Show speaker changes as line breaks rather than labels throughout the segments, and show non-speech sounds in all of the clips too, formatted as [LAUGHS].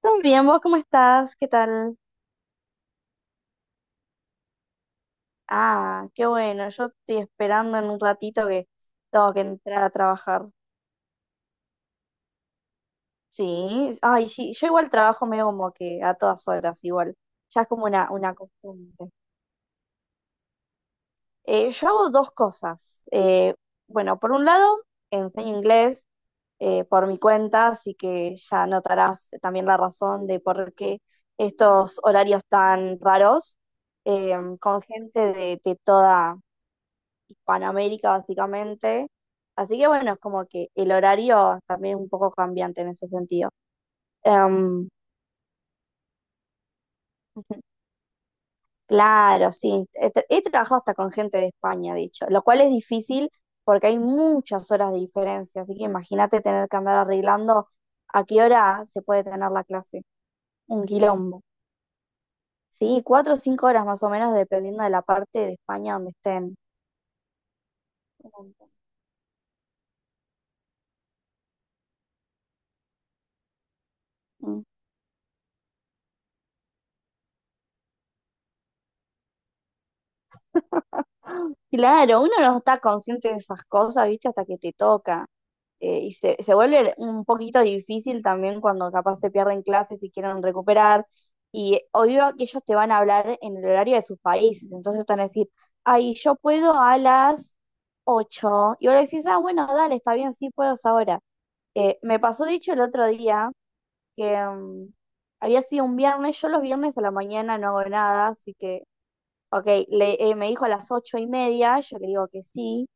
¿Todo bien? ¿Vos cómo estás? ¿Qué tal? Ah, qué bueno. Yo estoy esperando en un ratito que tengo que entrar a trabajar. Sí, ay, sí. Yo igual trabajo medio como que a todas horas, igual. Ya es como una costumbre. Yo hago dos cosas. Bueno, por un lado, enseño inglés, por mi cuenta, así que ya notarás también la razón de por qué estos horarios tan raros, eh, con gente de toda Hispanoamérica, básicamente. Así que bueno, es como que el horario también es un poco cambiante en ese sentido. Em, [LAUGHS] claro, sí. He trabajado hasta con gente de España, de hecho, lo cual es difícil porque hay muchas horas de diferencia. Así que imagínate tener que andar arreglando a qué hora se puede tener la clase. Un quilombo. Sí, 4 o 5 horas más o menos, dependiendo de la parte de España donde estén. Claro, uno no está consciente de esas cosas, ¿viste? Hasta que te toca. Y se vuelve un poquito difícil también cuando capaz se pierden clases y quieren recuperar. Y obvio que ellos te van a hablar en el horario de sus países. Entonces están a decir, ay, yo puedo a las 8. Y vos le decís, ah, bueno, dale, está bien, sí puedo es ahora. Me pasó dicho el otro día que había sido un viernes. Yo los viernes a la mañana no hago nada, así que Ok, le, me dijo a las 8:30, yo le digo que sí.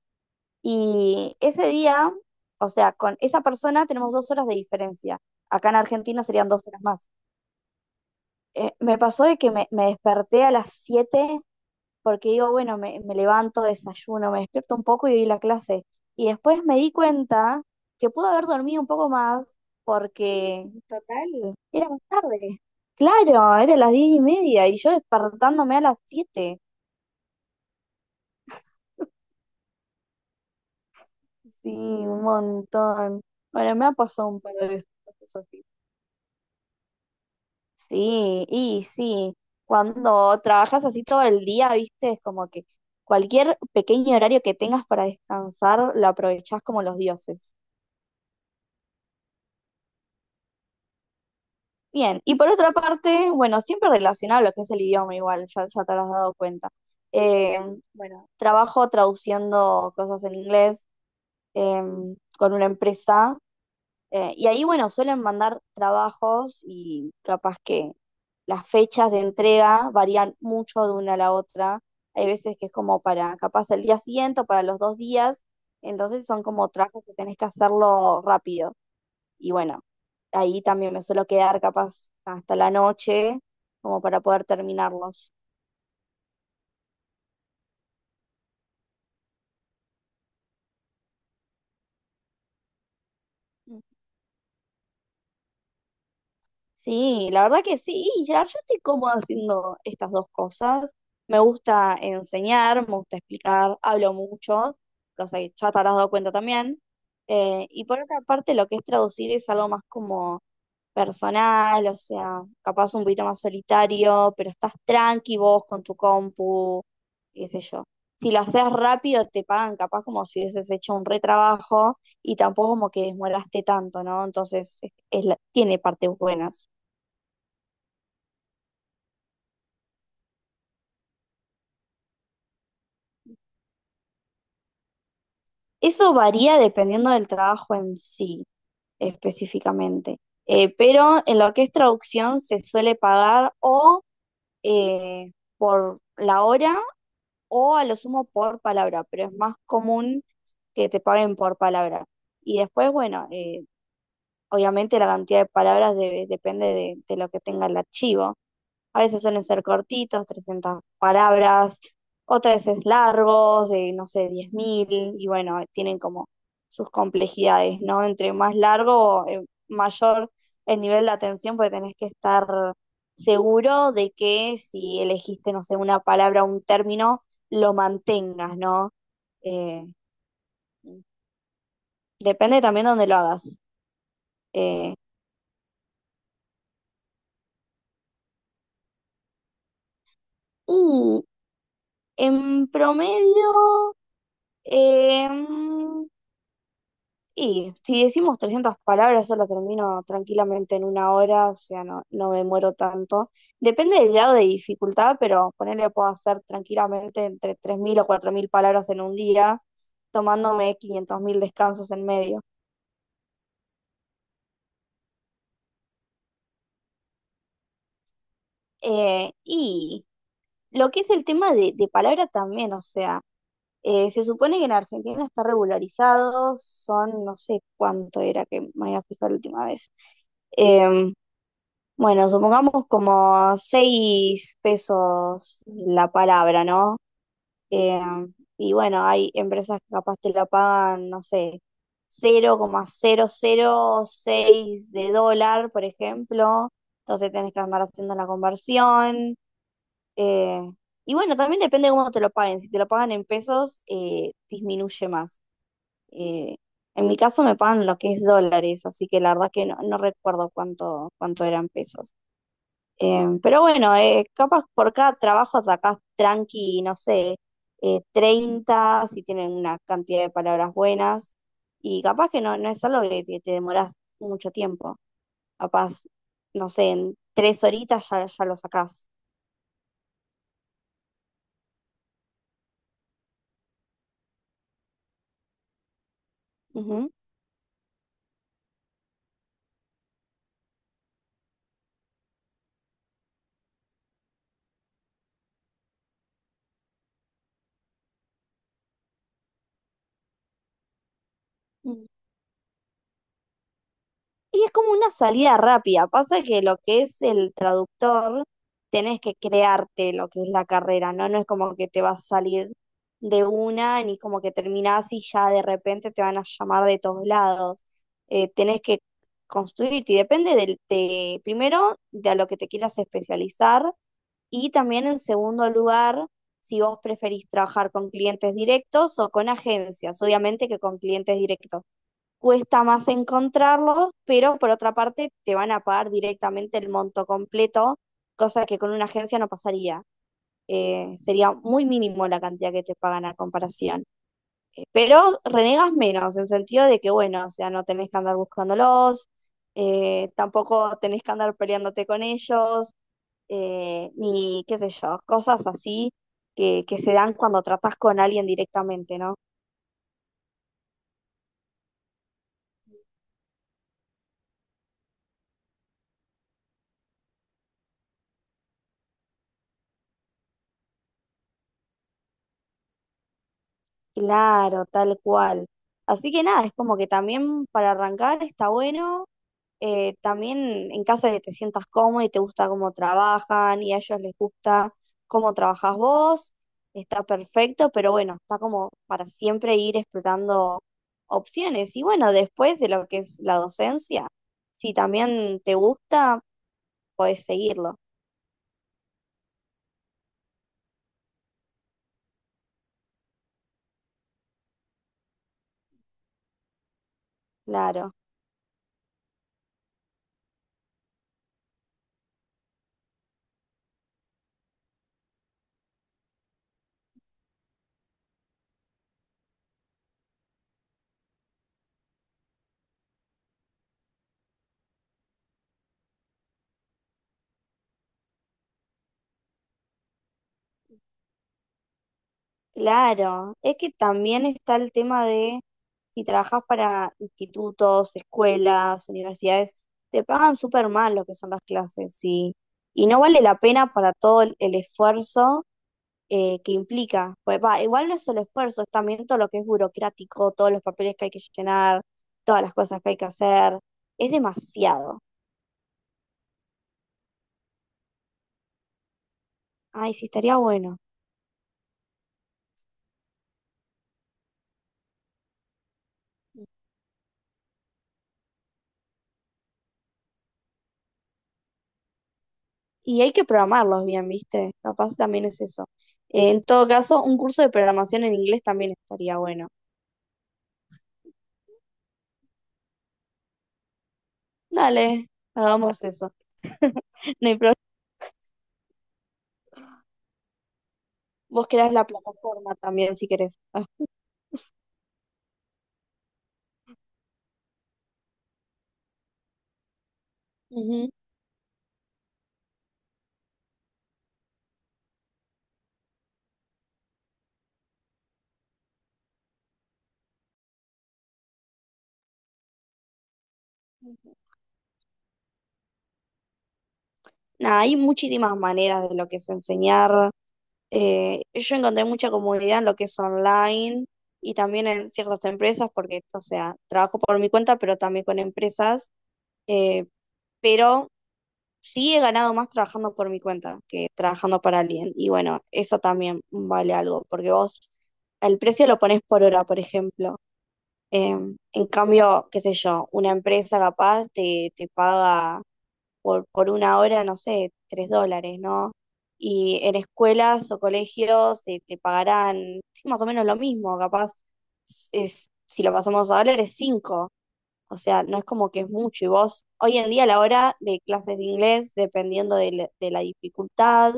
Y ese día, o sea, con esa persona tenemos 2 horas de diferencia. Acá en Argentina serían 2 horas más. Me pasó de que me desperté a las 7 porque digo, bueno, me levanto, desayuno, me despierto un poco y doy la clase. Y después me di cuenta que pude haber dormido un poco más porque, total, era más tarde. Claro, era las 10:30 y yo despertándome a las 7. Sí, un montón. Bueno, me ha pasado un par de veces así. Sí, y sí. Cuando trabajas así todo el día, viste, es como que cualquier pequeño horario que tengas para descansar lo aprovechás como los dioses. Bien, y por otra parte, bueno, siempre relacionado a lo que es el idioma igual, ya, ya te habrás dado cuenta. Eh, bueno, trabajo traduciendo cosas en inglés, con una empresa. Y ahí, bueno, suelen mandar trabajos y capaz que las fechas de entrega varían mucho de una a la otra. Hay veces que es como para capaz el día siguiente o para los 2 días. Entonces son como trabajos que tenés que hacerlo rápido. Y bueno, ahí también me suelo quedar capaz hasta la noche como para poder terminarlos. Sí, la verdad que sí, y ya yo estoy cómoda haciendo estas dos cosas. Me gusta enseñar, me gusta explicar, hablo mucho, cosa que ya te habrás dado cuenta también. Y por otra parte, lo que es traducir es algo más como personal, o sea, capaz un poquito más solitario, pero estás tranqui vos con tu compu, qué sé yo. Si lo haces rápido, te pagan capaz como si hubieses hecho un retrabajo y tampoco como que demoraste tanto, ¿no? Entonces, tiene partes buenas. Eso varía dependiendo del trabajo en sí, específicamente. Pero en lo que es traducción se suele pagar o, eh, por la hora o a lo sumo por palabra, pero es más común que te paguen por palabra. Y después, bueno, obviamente la cantidad de palabras depende de lo que tenga el archivo. A veces suelen ser cortitos, 300 palabras, otras veces largos, de no sé, 10.000, y bueno, tienen como sus complejidades, ¿no? Entre más largo, mayor el nivel de atención, porque tenés que estar seguro de que si elegiste, no sé, una palabra o un término, lo mantengas, ¿no? Eh, Depende también de dónde lo hagas. Eh, y en promedio, eh, Y si decimos 300 palabras, eso lo termino tranquilamente en una hora, o sea, no, no me muero tanto. Depende del grado de dificultad, pero ponerle puedo hacer tranquilamente entre 3.000 o 4.000 palabras en un día, tomándome 500.000 descansos en medio. Y lo que es el tema de palabra también, o sea, se supone que en Argentina está regularizado, son no sé cuánto era que me había fijado la última vez. Eh, Bueno, supongamos como 6 pesos la palabra, ¿no? Eh, y bueno, hay empresas que capaz te la pagan, no sé, cero coma cero cero coma seis de dólar, por ejemplo. Entonces tenés que andar haciendo la conversión. eh, y bueno, también depende de cómo te lo paguen. Si te lo pagan en pesos, disminuye más. Eh, en mi caso me pagan lo que es dólares, así que la verdad que no, no recuerdo cuánto eran pesos. Pero bueno, capaz por cada trabajo sacás tranqui, no sé, 30, si tienen una cantidad de palabras buenas, y capaz que no, no es algo que te demorás mucho tiempo, capaz, no sé, en tres horitas ya, ya lo sacás. Ujú. Y es como una salida rápida. Pasa que lo que es el traductor, tenés que crearte lo que es la carrera, ¿no? No es como que te vas a salir de una, ni como que terminás y ya de repente te van a llamar de todos lados. Tenés que construirte, y depende del, de, primero, de a lo que te quieras especializar, y también en segundo lugar, si vos preferís trabajar con clientes directos o con agencias. Obviamente que con clientes directos cuesta más encontrarlos, pero por otra parte te van a pagar directamente el monto completo, cosa que con una agencia no pasaría. Sería muy mínimo la cantidad que te pagan a comparación. Pero renegas menos, en sentido de que, bueno, o sea, no tenés que andar buscándolos, tampoco tenés que andar peleándote con ellos, ni qué sé yo, cosas así que se dan cuando tratás con alguien directamente, ¿no? Claro, tal cual. Así que nada, es como que también para arrancar está bueno. También en caso de que te sientas cómodo y te gusta cómo trabajan y a ellos les gusta cómo trabajas vos, está perfecto, pero bueno, está como para siempre ir explorando opciones. Y bueno, después de lo que es la docencia, si también te gusta, podés seguirlo. Claro, claro. Es que también está el tema de... si trabajas para institutos, escuelas, universidades, te pagan súper mal lo que son las clases, y no vale la pena para todo el esfuerzo, que implica. Pues, va, igual no es solo esfuerzo, es también todo lo que es burocrático, todos los papeles que hay que llenar, todas las cosas que hay que hacer. Es demasiado. Ay, sí, estaría bueno. Y hay que programarlos bien, ¿viste? Capaz también es eso. En todo caso, un curso de programación en inglés también estaría bueno. Dale, hagamos eso. No hay problema. Vos creás la plataforma también si querés. Ah. Ujú. Nada, hay muchísimas maneras de lo que es enseñar. Yo encontré mucha comodidad en lo que es online y también en ciertas empresas, porque, o sea, trabajo por mi cuenta, pero también con empresas. eh, pero sí he ganado más trabajando por mi cuenta que trabajando para alguien. Y bueno, eso también vale algo, porque vos el precio lo ponés por hora, por ejemplo. En cambio, qué sé yo, una empresa capaz te paga por una hora, no sé, 3 dólares, ¿no? Y en escuelas o colegios te pagarán sí, más o menos lo mismo, capaz, es, si lo pasamos a dólares, cinco. O sea, no es como que es mucho. Y vos, hoy en día, a la hora de clases de inglés, dependiendo de la dificultad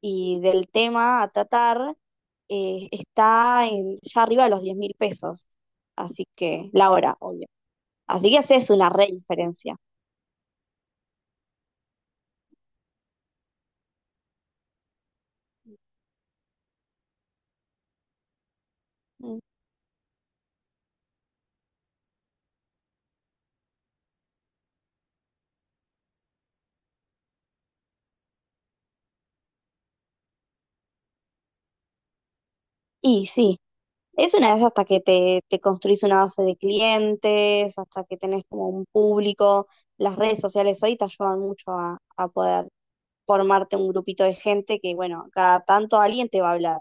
y del tema a tratar, está en, ya arriba de los 10.000 pesos. Así que, la hora, obvio. Así que haces una re diferencia. Mm. Y sí, es una vez hasta que te construís una base de clientes, hasta que tenés como un público. Las redes sociales hoy te ayudan mucho a poder formarte un grupito de gente que, bueno, cada tanto alguien te va a hablar.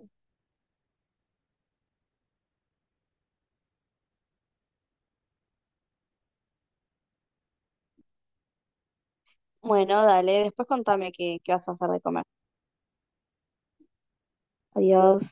Bueno, dale, después contame qué vas a hacer de comer. Adiós.